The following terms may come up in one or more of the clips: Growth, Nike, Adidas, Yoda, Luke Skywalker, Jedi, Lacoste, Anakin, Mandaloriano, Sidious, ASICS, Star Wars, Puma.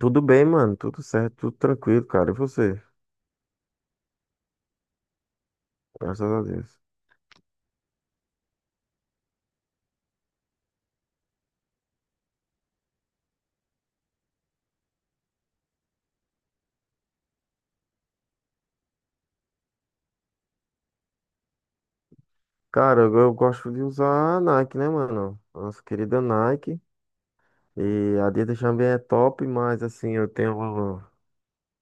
Tudo bem, mano. Tudo certo, tudo tranquilo, cara. E você? Graças a Deus. Cara, eu gosto de usar a Nike, né, mano? Nossa querida Nike. E a Adidas também é top, mas assim, eu tenho,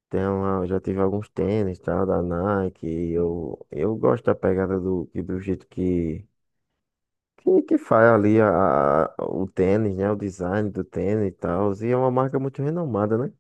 tenho, já tive alguns tênis, tá, da Nike. E eu gosto da pegada do jeito que faz ali o tênis, né? O design do tênis e tal. E é uma marca muito renomada, né?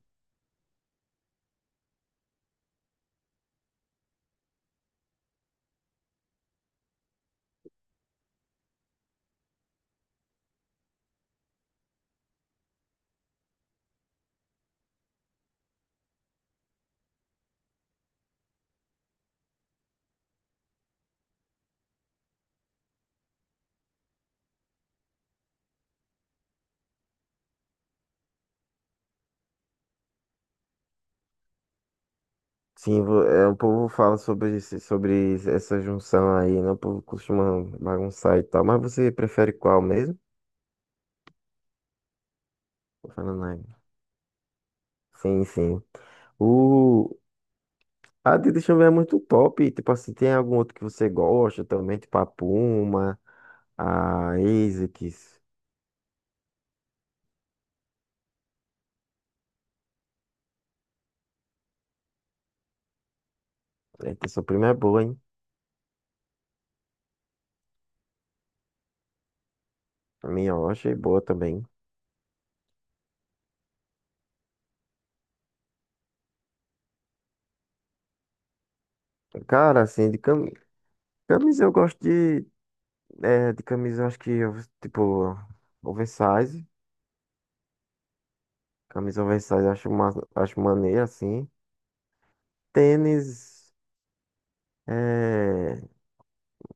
Sim, o povo fala sobre essa junção aí, né? O povo costuma bagunçar e tal. Mas você prefere qual mesmo? Tô falando aí. Sim, sim. O... A Tita Chamber é muito top. Tipo assim, tem algum outro que você gosta também? Tipo a Puma, a ASICS. Eita, sua prima é boa, hein? A minha eu achei boa também. Cara, assim, camisa eu gosto de... É, de camisa eu acho que, tipo, oversize. Camisa oversize, eu acho, acho maneiro, assim. Tênis, é,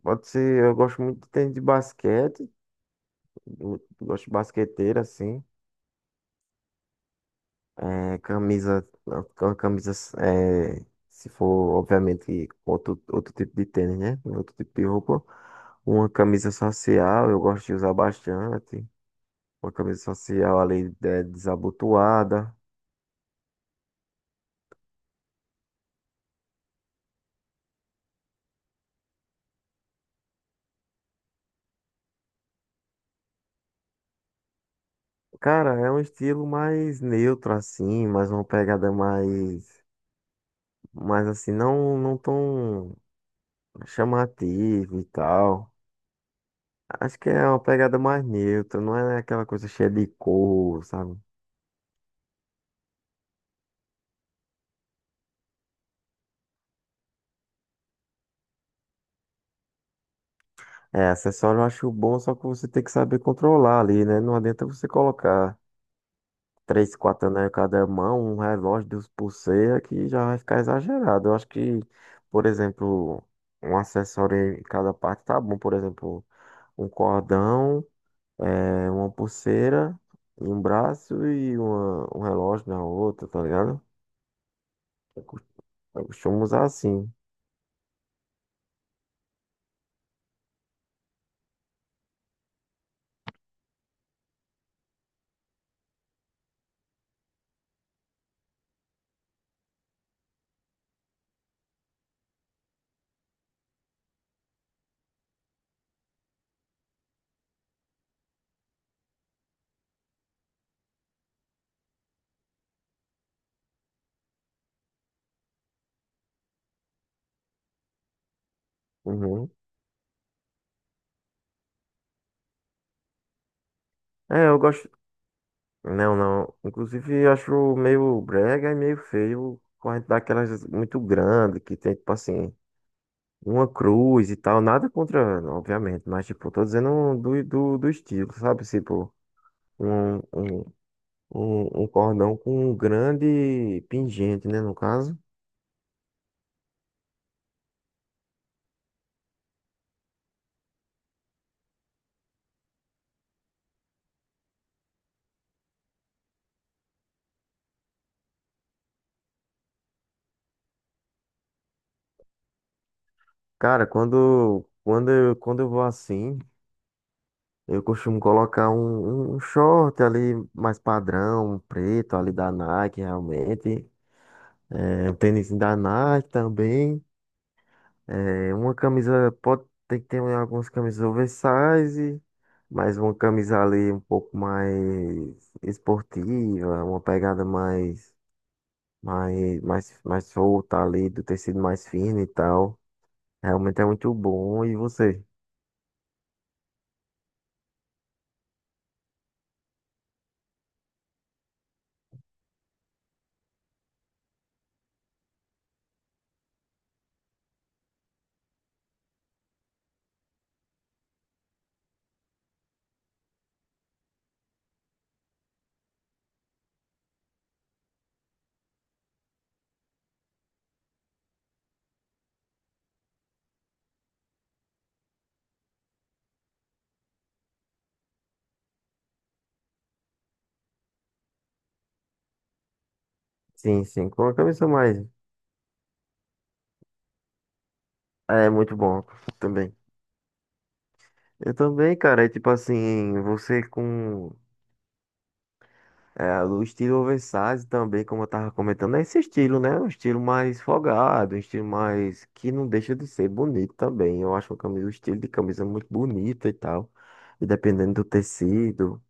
pode ser, eu gosto muito de tênis de basquete, eu gosto de basqueteira, assim. É, camisa, uma camisa, é, se for, obviamente, outro tipo de tênis, né? Outro tipo de roupa. Uma camisa social, eu gosto de usar bastante. Uma camisa social ali é, desabotoada. Cara, é um estilo mais neutro, assim, mais uma pegada mais. Mas assim, não tão chamativo e tal. Acho que é uma pegada mais neutra, não é aquela coisa cheia de cor, sabe? É, acessório eu acho bom, só que você tem que saber controlar ali, né? Não adianta você colocar três, quatro anéis em cada mão, um relógio, duas pulseiras, que já vai ficar exagerado. Eu acho que, por exemplo, um acessório em cada parte tá bom. Por exemplo, um cordão. É uma pulseira em um braço e um relógio na outra, tá ligado? Eu costumo usar assim. Uhum. É, eu gosto. Não, não. Inclusive, eu acho meio brega e meio feio corrente daquelas muito grande que tem, tipo assim, uma cruz e tal. Nada contra, obviamente, mas, tipo, tô dizendo do estilo, sabe? Tipo, um, um, um cordão com um grande pingente, né? No caso. Cara, quando eu vou assim. Eu costumo colocar um short ali mais padrão, um preto ali da Nike, realmente. É, um tênis da Nike também. É, uma camisa, pode ter que ter algumas camisas oversize, mas uma camisa ali um pouco mais esportiva, uma pegada mais solta ali, do tecido mais fino e tal. Realmente é muito bom. E você? Sim, sim, com a camisa mais. É muito bom também. Eu também, cara. É tipo assim, você com é, o estilo oversize também, como eu tava comentando, é esse estilo, né? Um estilo mais folgado, um estilo mais que não deixa de ser bonito também. Eu acho uma camisa, o estilo de camisa muito bonita e tal. E dependendo do tecido,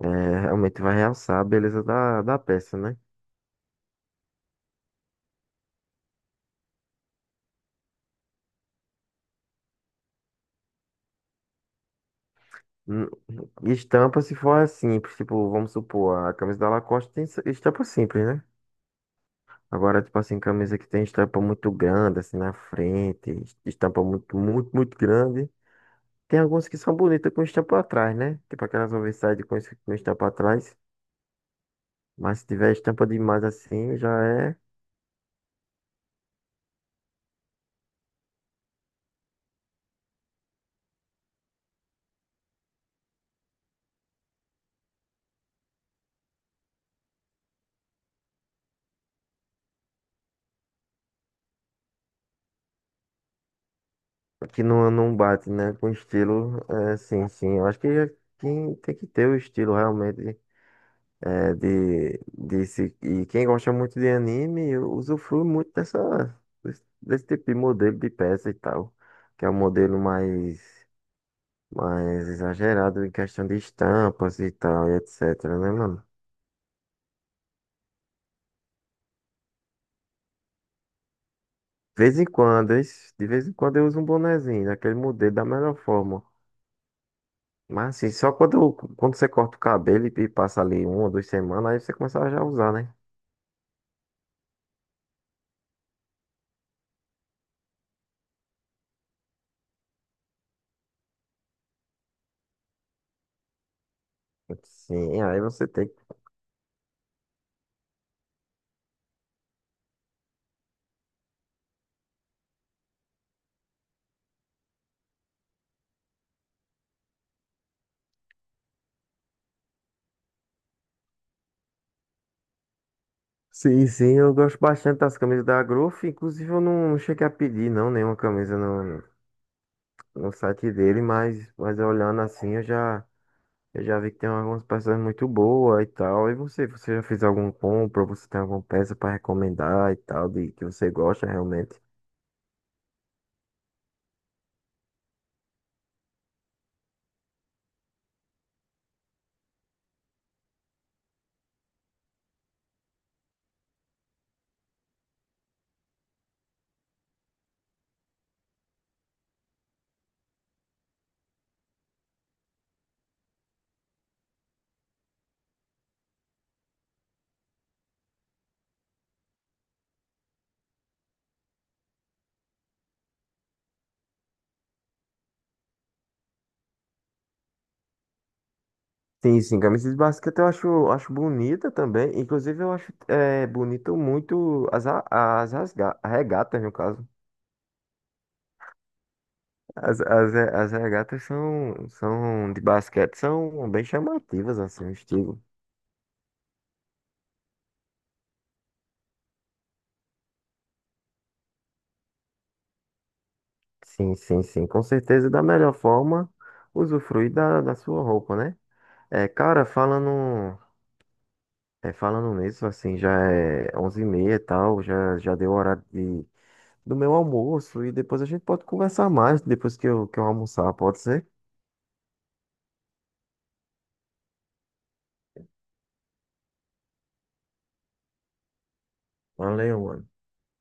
é, realmente vai realçar a beleza da peça, né? Hum. Estampa se for simples, tipo, vamos supor, a camisa da Lacoste tem estampa simples, né? Agora, tipo assim, camisa que tem estampa muito grande, assim, na frente, estampa muito grande. Tem algumas que são bonitas com estampa atrás, né? Tipo aquelas oversize com, com estampa atrás. Mas se tiver estampa demais assim, já é que não bate, né? Com estilo, é, sim, sim. Eu acho que quem tem que ter o estilo realmente é, de se, e quem gosta muito de anime usufrui muito dessa, desse tipo de modelo de peça e tal, que é um modelo mais mais exagerado em questão de estampas e tal, e etc, né, mano? De vez em quando, de vez em quando eu uso um bonezinho, daquele modelo da melhor forma. Mas assim, só quando você corta o cabelo e passa ali uma ou duas semanas, aí você começa a já usar, né? Sim, aí você tem. Que- Sim, sim, eu gosto bastante das camisas da Growth. Inclusive, eu não cheguei a pedir, não, nenhuma camisa no site dele, mas olhando assim, eu já. Eu já vi que tem algumas peças muito boas e tal. E você, você já fez alguma compra? Você tem alguma peça para recomendar e tal, de que você gosta realmente? Sim, sim, camisas de basquete eu acho, acho bonita também. Inclusive, eu acho é, bonito muito as, as regatas, no caso. As regatas são, são de basquete, são bem chamativas, assim, o estilo. Sim, sim, sim. Com certeza, da melhor forma, usufruir da sua roupa, né? É, cara, falando. É, falando nisso, assim, já é 11h30 e tal, já, já deu o horário de, do meu almoço e depois a gente pode conversar mais, depois que eu almoçar, pode ser? Valeu, mano.